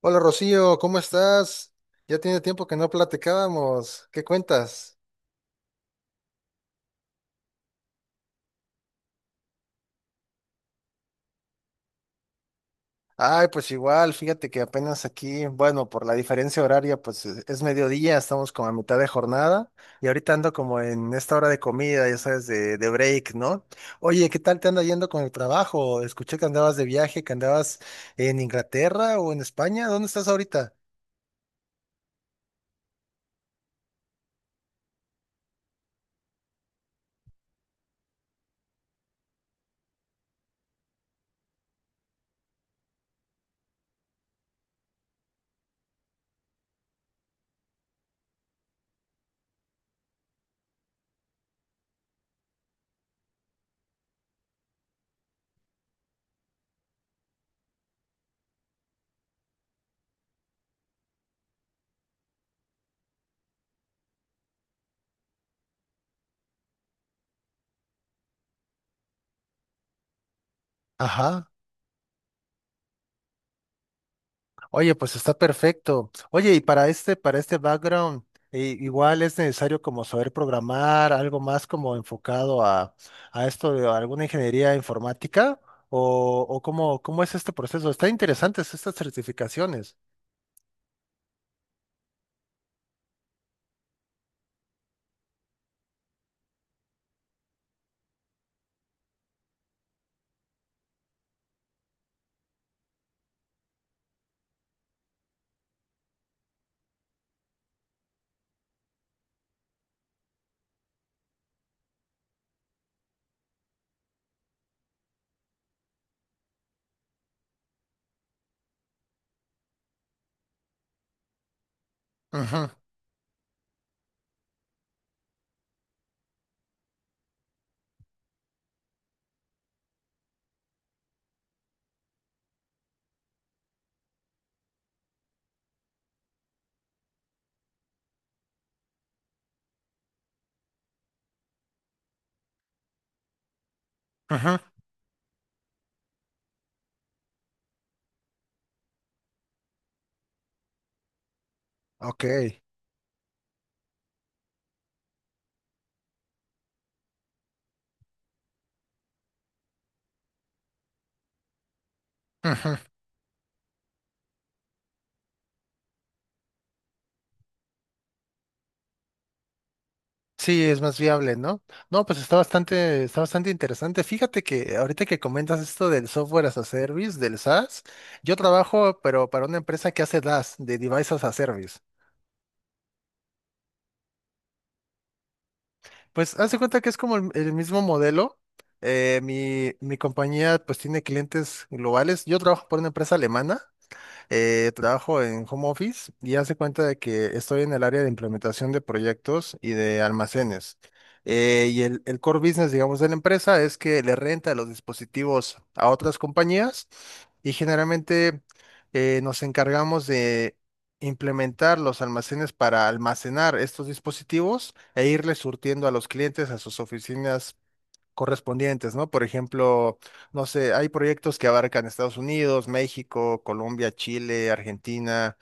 Hola Rocío, ¿cómo estás? Ya tiene tiempo que no platicábamos. ¿Qué cuentas? Ay, pues igual, fíjate que apenas aquí, bueno, por la diferencia horaria, pues es mediodía, estamos como a mitad de jornada y ahorita ando como en esta hora de comida, ya sabes, de break, ¿no? Oye, ¿qué tal te anda yendo con el trabajo? Escuché que andabas de viaje, que andabas en Inglaterra o en España. ¿Dónde estás ahorita? Ajá. Oye, pues está perfecto. Oye, y para este background, igual es necesario como saber programar, algo más como enfocado a esto de alguna ingeniería informática, o cómo, cómo es este proceso. Están interesantes estas certificaciones. Ujú, ujú, ok. Ujú. Sí, es más viable, ¿no? No, pues está bastante interesante. Fíjate que ahorita que comentas esto del software as a service, del SaaS, yo trabajo, pero para una empresa que hace DaaS, de Devices as a Service. Pues haz de cuenta que es como el mismo modelo. Mi, mi compañía pues tiene clientes globales. Yo trabajo por una empresa alemana, trabajo en home office y hace cuenta de que estoy en el área de implementación de proyectos y de almacenes. Y el core business, digamos, de la empresa es que le renta los dispositivos a otras compañías y generalmente nos encargamos de implementar los almacenes para almacenar estos dispositivos e irles surtiendo a los clientes a sus oficinas correspondientes, ¿no? Por ejemplo, no sé, hay proyectos que abarcan Estados Unidos, México, Colombia, Chile, Argentina,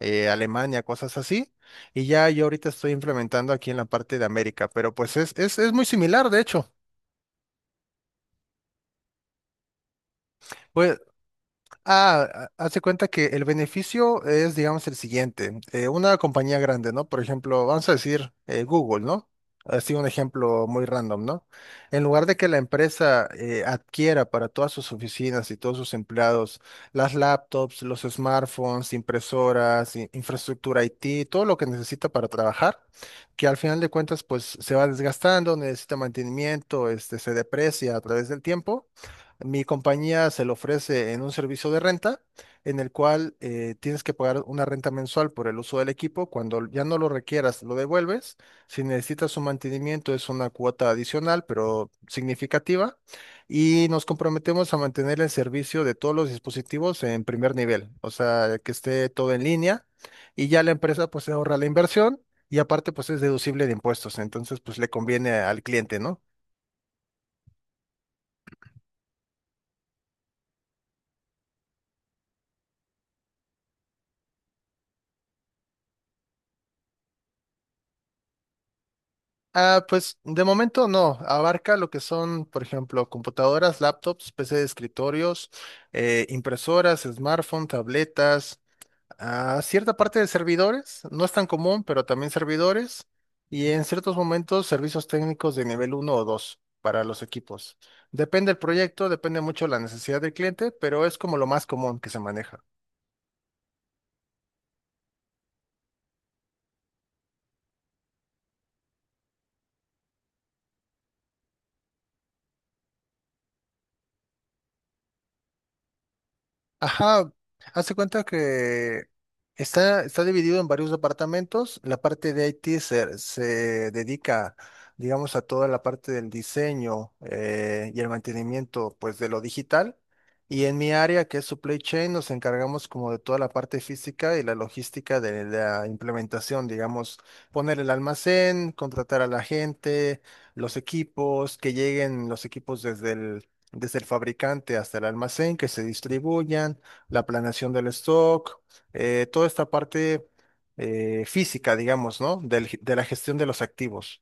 Alemania, cosas así. Y ya yo ahorita estoy implementando aquí en la parte de América, pero pues es muy similar, de hecho. Pues ah, hace cuenta que el beneficio es, digamos, el siguiente. Una compañía grande, ¿no? Por ejemplo, vamos a decir Google, ¿no? Así un ejemplo muy random, ¿no? En lugar de que la empresa adquiera para todas sus oficinas y todos sus empleados las laptops, los smartphones, impresoras, infraestructura IT, todo lo que necesita para trabajar, que al final de cuentas, pues se va desgastando, necesita mantenimiento, este, se deprecia a través del tiempo. Mi compañía se lo ofrece en un servicio de renta en el cual tienes que pagar una renta mensual por el uso del equipo. Cuando ya no lo requieras, lo devuelves. Si necesitas su mantenimiento, es una cuota adicional, pero significativa. Y nos comprometemos a mantener el servicio de todos los dispositivos en primer nivel, o sea, que esté todo en línea. Y ya la empresa pues se ahorra la inversión y aparte pues es deducible de impuestos. Entonces pues le conviene al cliente, ¿no? Ah, pues de momento no, abarca lo que son, por ejemplo, computadoras, laptops, PC de escritorios, impresoras, smartphone, tabletas, ah, cierta parte de servidores, no es tan común, pero también servidores, y en ciertos momentos servicios técnicos de nivel uno o 2 para los equipos. Depende del proyecto, depende mucho la necesidad del cliente, pero es como lo más común que se maneja. Ajá, hace cuenta que está, está dividido en varios departamentos. La parte de IT se, se dedica, digamos, a toda la parte del diseño, y el mantenimiento, pues, de lo digital. Y en mi área, que es supply chain, nos encargamos como de toda la parte física y la logística de la implementación, digamos, poner el almacén, contratar a la gente, los equipos, que lleguen los equipos desde el fabricante hasta el almacén, que se distribuyan, la planeación del stock, toda esta parte física, digamos, ¿no? De la gestión de los activos.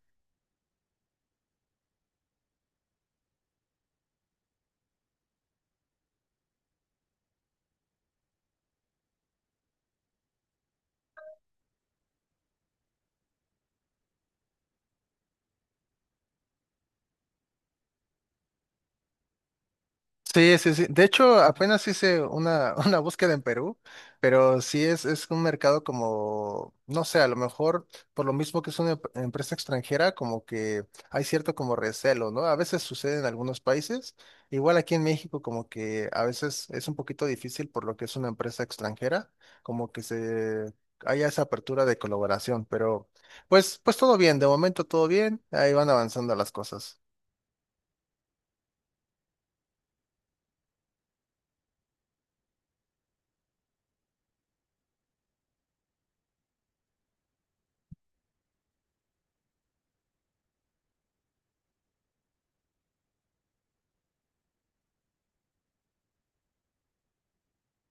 Sí, sí, sí. De hecho, apenas hice una, una búsqueda en Perú, pero sí es un mercado como, no sé, a lo mejor por lo mismo que es una empresa extranjera, como que hay cierto como recelo, ¿no? A veces sucede en algunos países, igual aquí en México como que a veces es un poquito difícil por lo que es una empresa extranjera, como que se haya esa apertura de colaboración, pero pues, pues todo bien, de momento todo bien, ahí van avanzando las cosas.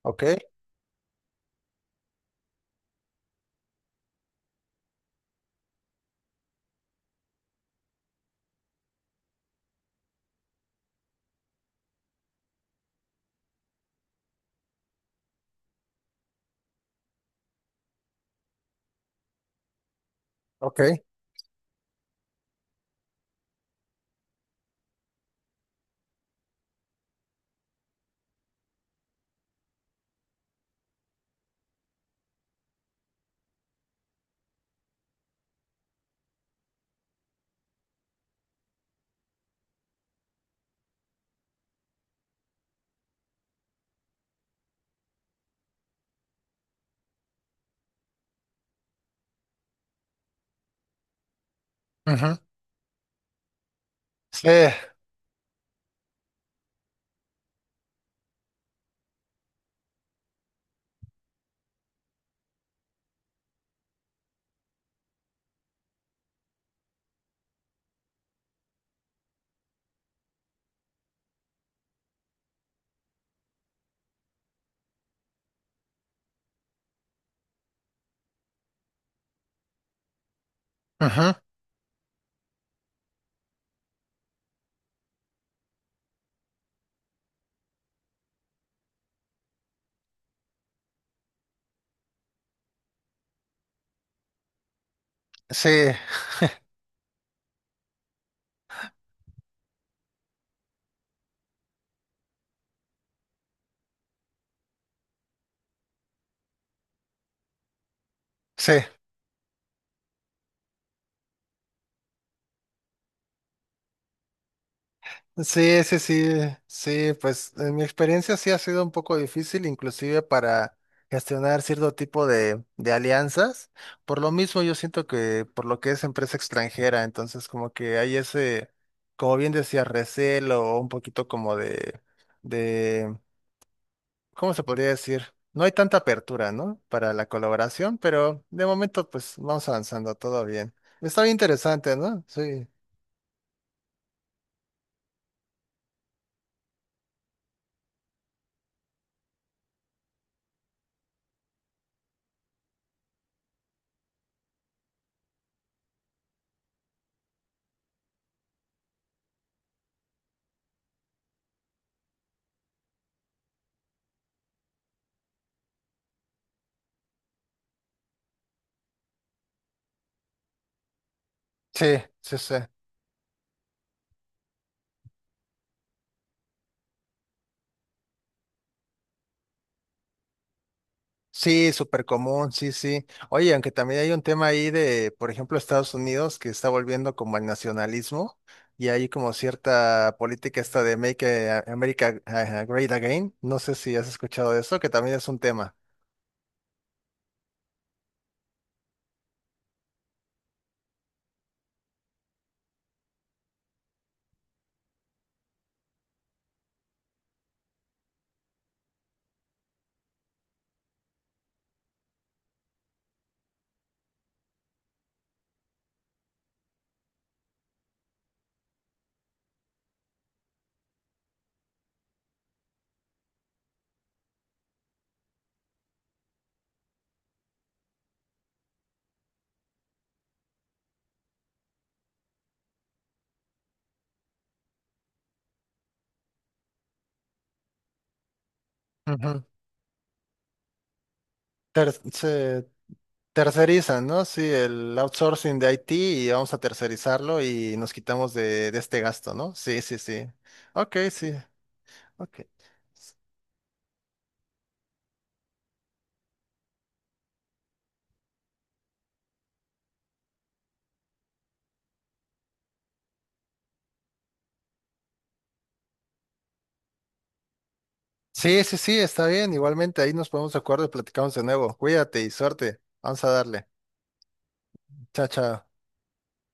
Ok, ok. Ujú. Sí. Ujú. Sí, sí, sí, sí, sí, sí, pues en mi experiencia sí ha sido un poco difícil, inclusive para gestionar cierto tipo de alianzas. Por lo mismo, yo siento que por lo que es empresa extranjera, entonces como que hay ese, como bien decía, recelo o un poquito como de, ¿cómo se podría decir? No hay tanta apertura, ¿no? Para la colaboración, pero de momento pues vamos avanzando, todo bien. Está bien interesante, ¿no? Sí, sí, sí, sí. Sí, súper común, sí, sí. Oye, aunque también hay un tema ahí de, por ejemplo, Estados Unidos que está volviendo como al nacionalismo y hay como cierta política esta de Make America Great Again. No sé si has escuchado de eso, que también es un tema. Ujú. Se tercerizan, ¿no? Sí, el outsourcing de IT y vamos a tercerizarlo y nos quitamos de este gasto, ¿no? Sí, sí, sí. Ok, sí. Ok. Sí, sí, sí, está bien. Igualmente ahí nos ponemos de acuerdo y platicamos de nuevo. Cuídate y suerte. Vamos a darle. Chao, chao.